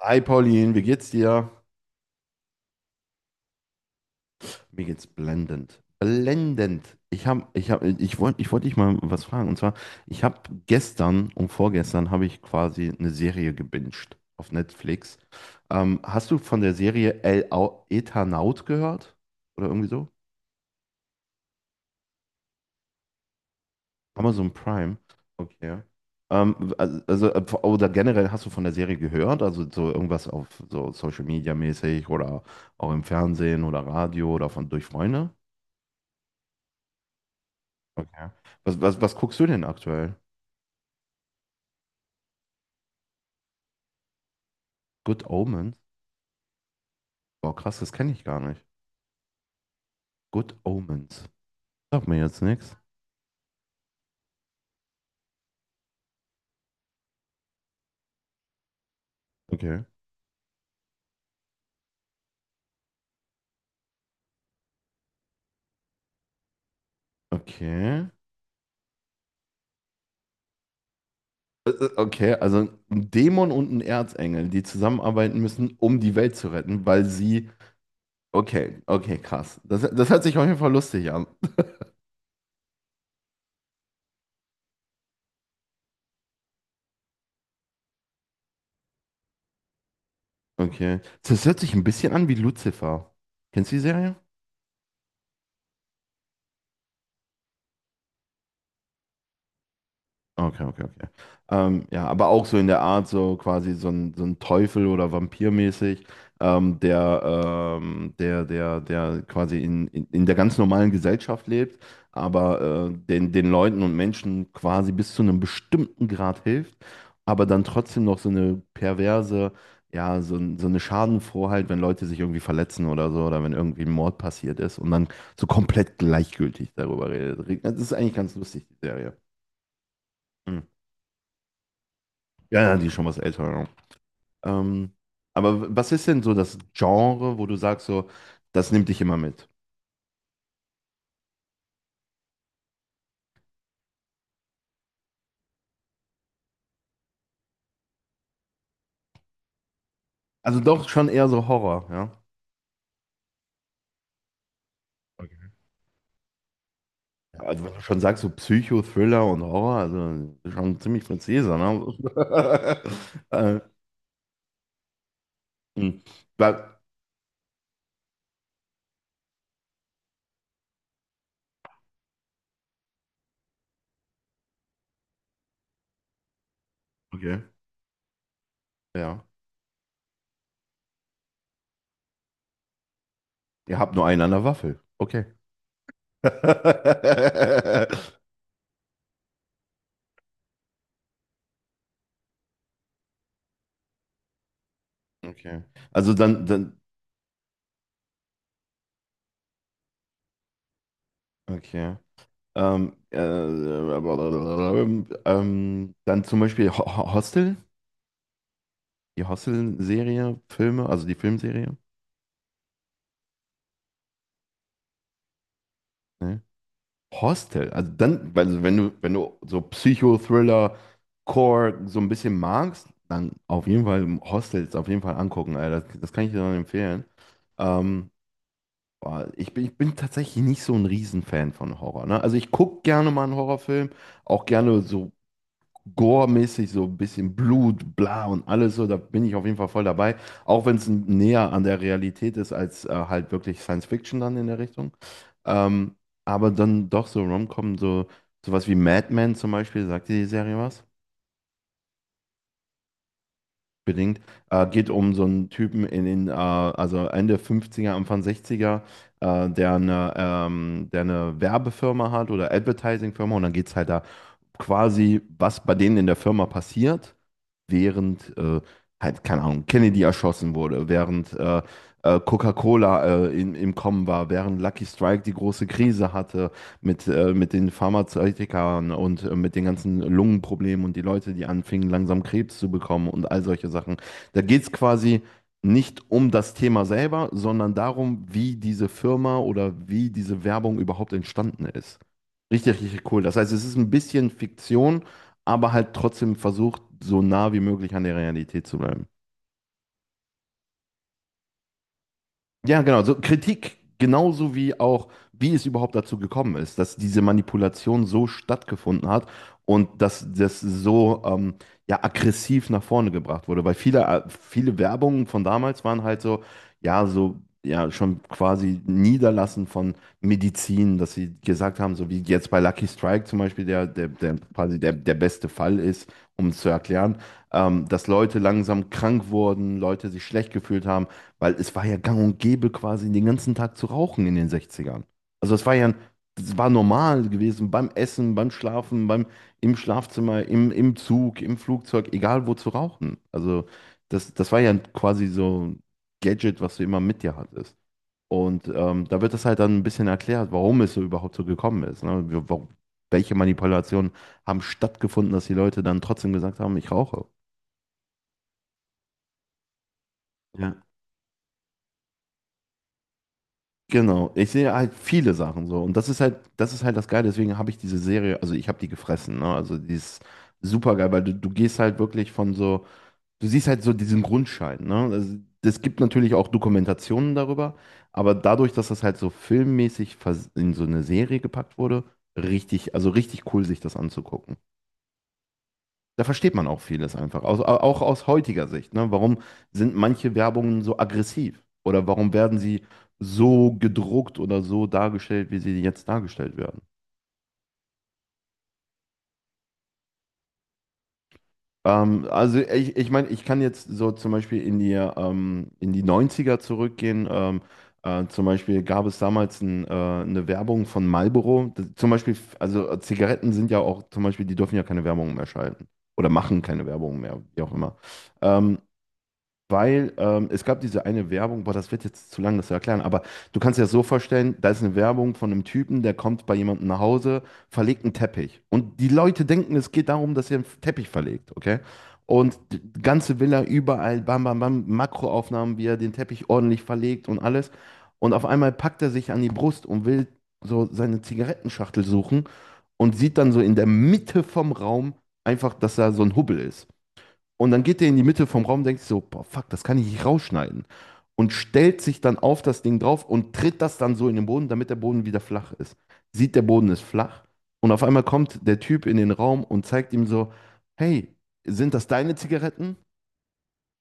Hi Pauline, wie geht's dir? Mir geht's blendend. Blendend. Ich wollte dich mal was fragen. Und zwar, ich habe gestern und vorgestern habe ich quasi eine Serie gebinged auf Netflix. Hast du von der Serie Eternaut gehört? Oder irgendwie so? Amazon Prime. Okay. Oder generell hast du von der Serie gehört? Also so irgendwas auf so Social Media mäßig oder auch im Fernsehen oder Radio oder von durch Freunde? Okay. Was guckst du denn aktuell? Good Omens? Boah, krass, das kenne ich gar nicht. Good Omens. Sag mir jetzt nichts. Okay. Okay. Okay, also ein Dämon und ein Erzengel, die zusammenarbeiten müssen, um die Welt zu retten, weil sie. Okay, okay, krass. Das hört sich auf jeden Fall lustig an. Okay. Das hört sich ein bisschen an wie Lucifer. Kennst du die Serie? Okay, okay, okay. Ja, aber auch so in der Art, so quasi so ein Teufel oder Vampirmäßig, ähm, der, der quasi in der ganz normalen Gesellschaft lebt, aber den Leuten und Menschen quasi bis zu einem bestimmten Grad hilft, aber dann trotzdem noch so eine perverse, ja, so, so eine Schadenfrohheit, wenn Leute sich irgendwie verletzen oder so, oder wenn irgendwie ein Mord passiert ist und dann so komplett gleichgültig darüber redet. Das ist eigentlich ganz lustig, die Serie. Mhm. Ja, ja, die ist schon was älter, ja. Ähm, aber was ist denn so das Genre, wo du sagst, so, das nimmt dich immer mit? Also doch schon eher so Horror, ja. Ja, also wenn du schon sagst, so Psycho, Thriller und Horror, also schon ziemlich präzise, ne? äh, hm. Ba- okay, ja. Ihr habt nur einen an der Waffel. Okay. Okay. Also dann, dann, okay. Dann zum Beispiel Hostel? Die Hostel-Serie, Filme, also die Filmserie. Ne? Hostel, also wenn du so Psychothriller, Core so ein bisschen magst, dann auf jeden Fall Hostels auf jeden Fall angucken, Alter. Das kann ich dir dann empfehlen. Ähm, Boah, ich bin tatsächlich nicht so ein Riesenfan von Horror, ne? Also ich gucke gerne mal einen Horrorfilm, auch gerne so Gore-mäßig, so ein bisschen Blut, bla und alles so, da bin ich auf jeden Fall voll dabei. Auch wenn es näher an der Realität ist als halt wirklich Science Fiction dann in der Richtung. Ähm, aber dann doch so Rom-Com, so sowas wie Mad Men zum Beispiel, sagt dir die Serie was? Bedingt. Geht um so einen Typen in den, also Ende 50er, Anfang 60er, der eine Werbefirma hat oder Advertising-Firma, und dann geht es halt da quasi, was bei denen in der Firma passiert, während halt, keine Ahnung, Kennedy erschossen wurde, während Coca-Cola im Kommen war, während Lucky Strike die große Krise hatte mit den Pharmazeutikern und mit den ganzen Lungenproblemen und die Leute, die anfingen, langsam Krebs zu bekommen und all solche Sachen. Da geht es quasi nicht um das Thema selber, sondern darum, wie diese Firma oder wie diese Werbung überhaupt entstanden ist. Richtig, richtig cool. Das heißt, es ist ein bisschen Fiktion, aber halt trotzdem versucht, so nah wie möglich an der Realität zu bleiben. Ja, genau. So Kritik genauso wie auch, wie es überhaupt dazu gekommen ist, dass diese Manipulation so stattgefunden hat und dass das so ja, aggressiv nach vorne gebracht wurde. Weil viele, viele Werbungen von damals waren halt so, ja, so. Ja, schon quasi Niederlassen von Medizin, dass sie gesagt haben, so wie jetzt bei Lucky Strike zum Beispiel, der beste Fall ist, um es zu erklären, dass Leute langsam krank wurden, Leute sich schlecht gefühlt haben, weil es war ja gang und gäbe, quasi den ganzen Tag zu rauchen in den Sechzigern. Also es war ja, das war normal gewesen, beim Essen, beim Schlafen, im Schlafzimmer, im Zug, im Flugzeug, egal wo zu rauchen. Also das war ja quasi so ein Gadget, was du immer mit dir hattest. Und da wird das halt dann ein bisschen erklärt, warum es so überhaupt so gekommen ist. Ne? Welche Manipulationen haben stattgefunden, dass die Leute dann trotzdem gesagt haben, ich rauche. Genau, ich sehe halt viele Sachen so, und das ist halt, das ist halt das Geile, deswegen habe ich diese Serie, also ich habe die gefressen, ne? Also die ist super geil, weil du gehst halt wirklich von so, du siehst halt so diesen Grundschein, ne? Also es gibt natürlich auch Dokumentationen darüber, aber dadurch, dass das halt so filmmäßig in so eine Serie gepackt wurde, richtig, also richtig cool, sich das anzugucken. Da versteht man auch vieles einfach, auch aus heutiger Sicht. Ne? Warum sind manche Werbungen so aggressiv? Oder warum werden sie so gedruckt oder so dargestellt, wie sie jetzt dargestellt werden? Ich meine, ich kann jetzt so zum Beispiel in die Neunziger zurückgehen. Zum Beispiel gab es damals eine Werbung von Marlboro. Das, zum Beispiel, also Zigaretten sind ja auch, zum Beispiel, die dürfen ja keine Werbung mehr schalten. Oder machen keine Werbung mehr, wie auch immer. Ähm, Weil Es gab diese eine Werbung, boah, das wird jetzt zu lang, das zu erklären, aber du kannst dir das so vorstellen, da ist eine Werbung von einem Typen, der kommt bei jemandem nach Hause, verlegt einen Teppich. Und die Leute denken, es geht darum, dass er einen Teppich verlegt, okay? Und die ganze Villa überall, bam, bam, bam, Makroaufnahmen, wie er den Teppich ordentlich verlegt und alles. Und auf einmal packt er sich an die Brust und will so seine Zigarettenschachtel suchen und sieht dann so in der Mitte vom Raum einfach, dass da so ein Hubbel ist. Und dann geht der in die Mitte vom Raum, denkt sich so, boah, fuck, das kann ich nicht rausschneiden. Und stellt sich dann auf das Ding drauf und tritt das dann so in den Boden, damit der Boden wieder flach ist. Sieht, der Boden ist flach. Und auf einmal kommt der Typ in den Raum und zeigt ihm so, hey, sind das deine Zigaretten?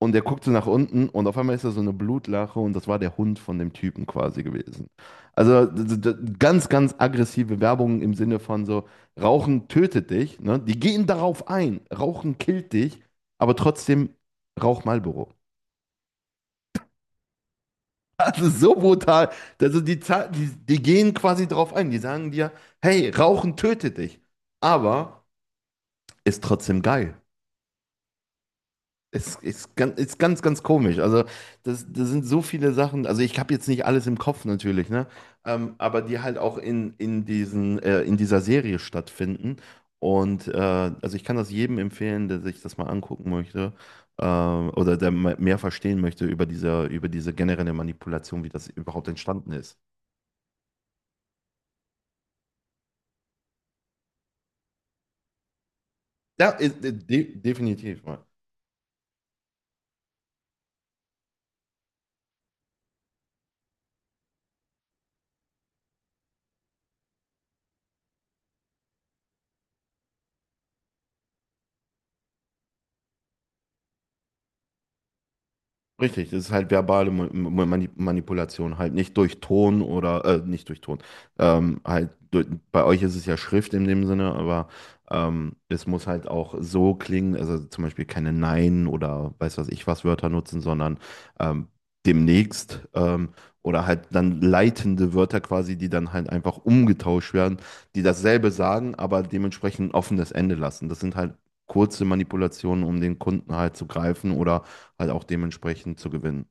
Und der guckt so nach unten und auf einmal ist da so eine Blutlache und das war der Hund von dem Typen quasi gewesen. Also ganz, ganz aggressive Werbung im Sinne von so, Rauchen tötet dich, ne? Die gehen darauf ein, Rauchen killt dich, aber trotzdem rauch Marlboro. Also so brutal. Die, die gehen quasi drauf ein, die sagen dir, hey, Rauchen tötet dich, aber ist trotzdem geil. Ist ganz, ganz komisch. Also, das sind so viele Sachen. Also, ich habe jetzt nicht alles im Kopf natürlich, ne? Aber die halt auch in diesen, in dieser Serie stattfinden. Und also ich kann das jedem empfehlen, der sich das mal angucken möchte, oder der mehr verstehen möchte über diese generelle Manipulation, wie das überhaupt entstanden ist. Ja, ist, de definitiv, ja. Richtig, das ist halt verbale Manipulation, halt nicht durch Ton oder, nicht durch Ton, halt, durch, bei euch ist es ja Schrift in dem Sinne, aber es muss halt auch so klingen, also zum Beispiel keine Nein oder weiß was ich was Wörter nutzen, sondern ähm, demnächst oder halt dann leitende Wörter quasi, die dann halt einfach umgetauscht werden, die dasselbe sagen, aber dementsprechend ein offenes Ende lassen. Das sind halt kurze Manipulationen, um den Kunden halt zu greifen oder halt auch dementsprechend zu gewinnen.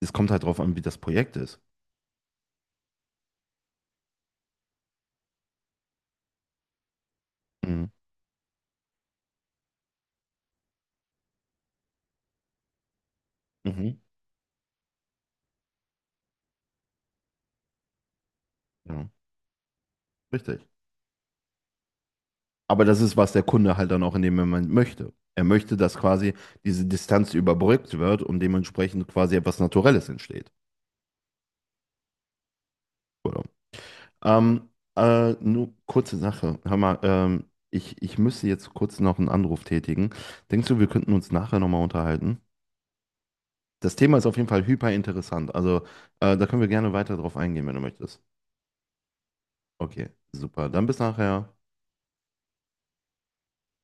Es kommt halt drauf an, wie das Projekt ist. Mhm. Mhm. Ja, richtig. Aber das ist, was der Kunde halt dann auch in dem Moment möchte. Er möchte, dass quasi diese Distanz überbrückt wird und dementsprechend quasi etwas Naturelles entsteht. Oder? Ähm, Nur kurze Sache. Hör mal, ich müsste jetzt kurz noch einen Anruf tätigen. Denkst du, wir könnten uns nachher nochmal unterhalten? Das Thema ist auf jeden Fall hyper interessant. Also, da können wir gerne weiter drauf eingehen, wenn du möchtest. Okay, super. Dann bis nachher.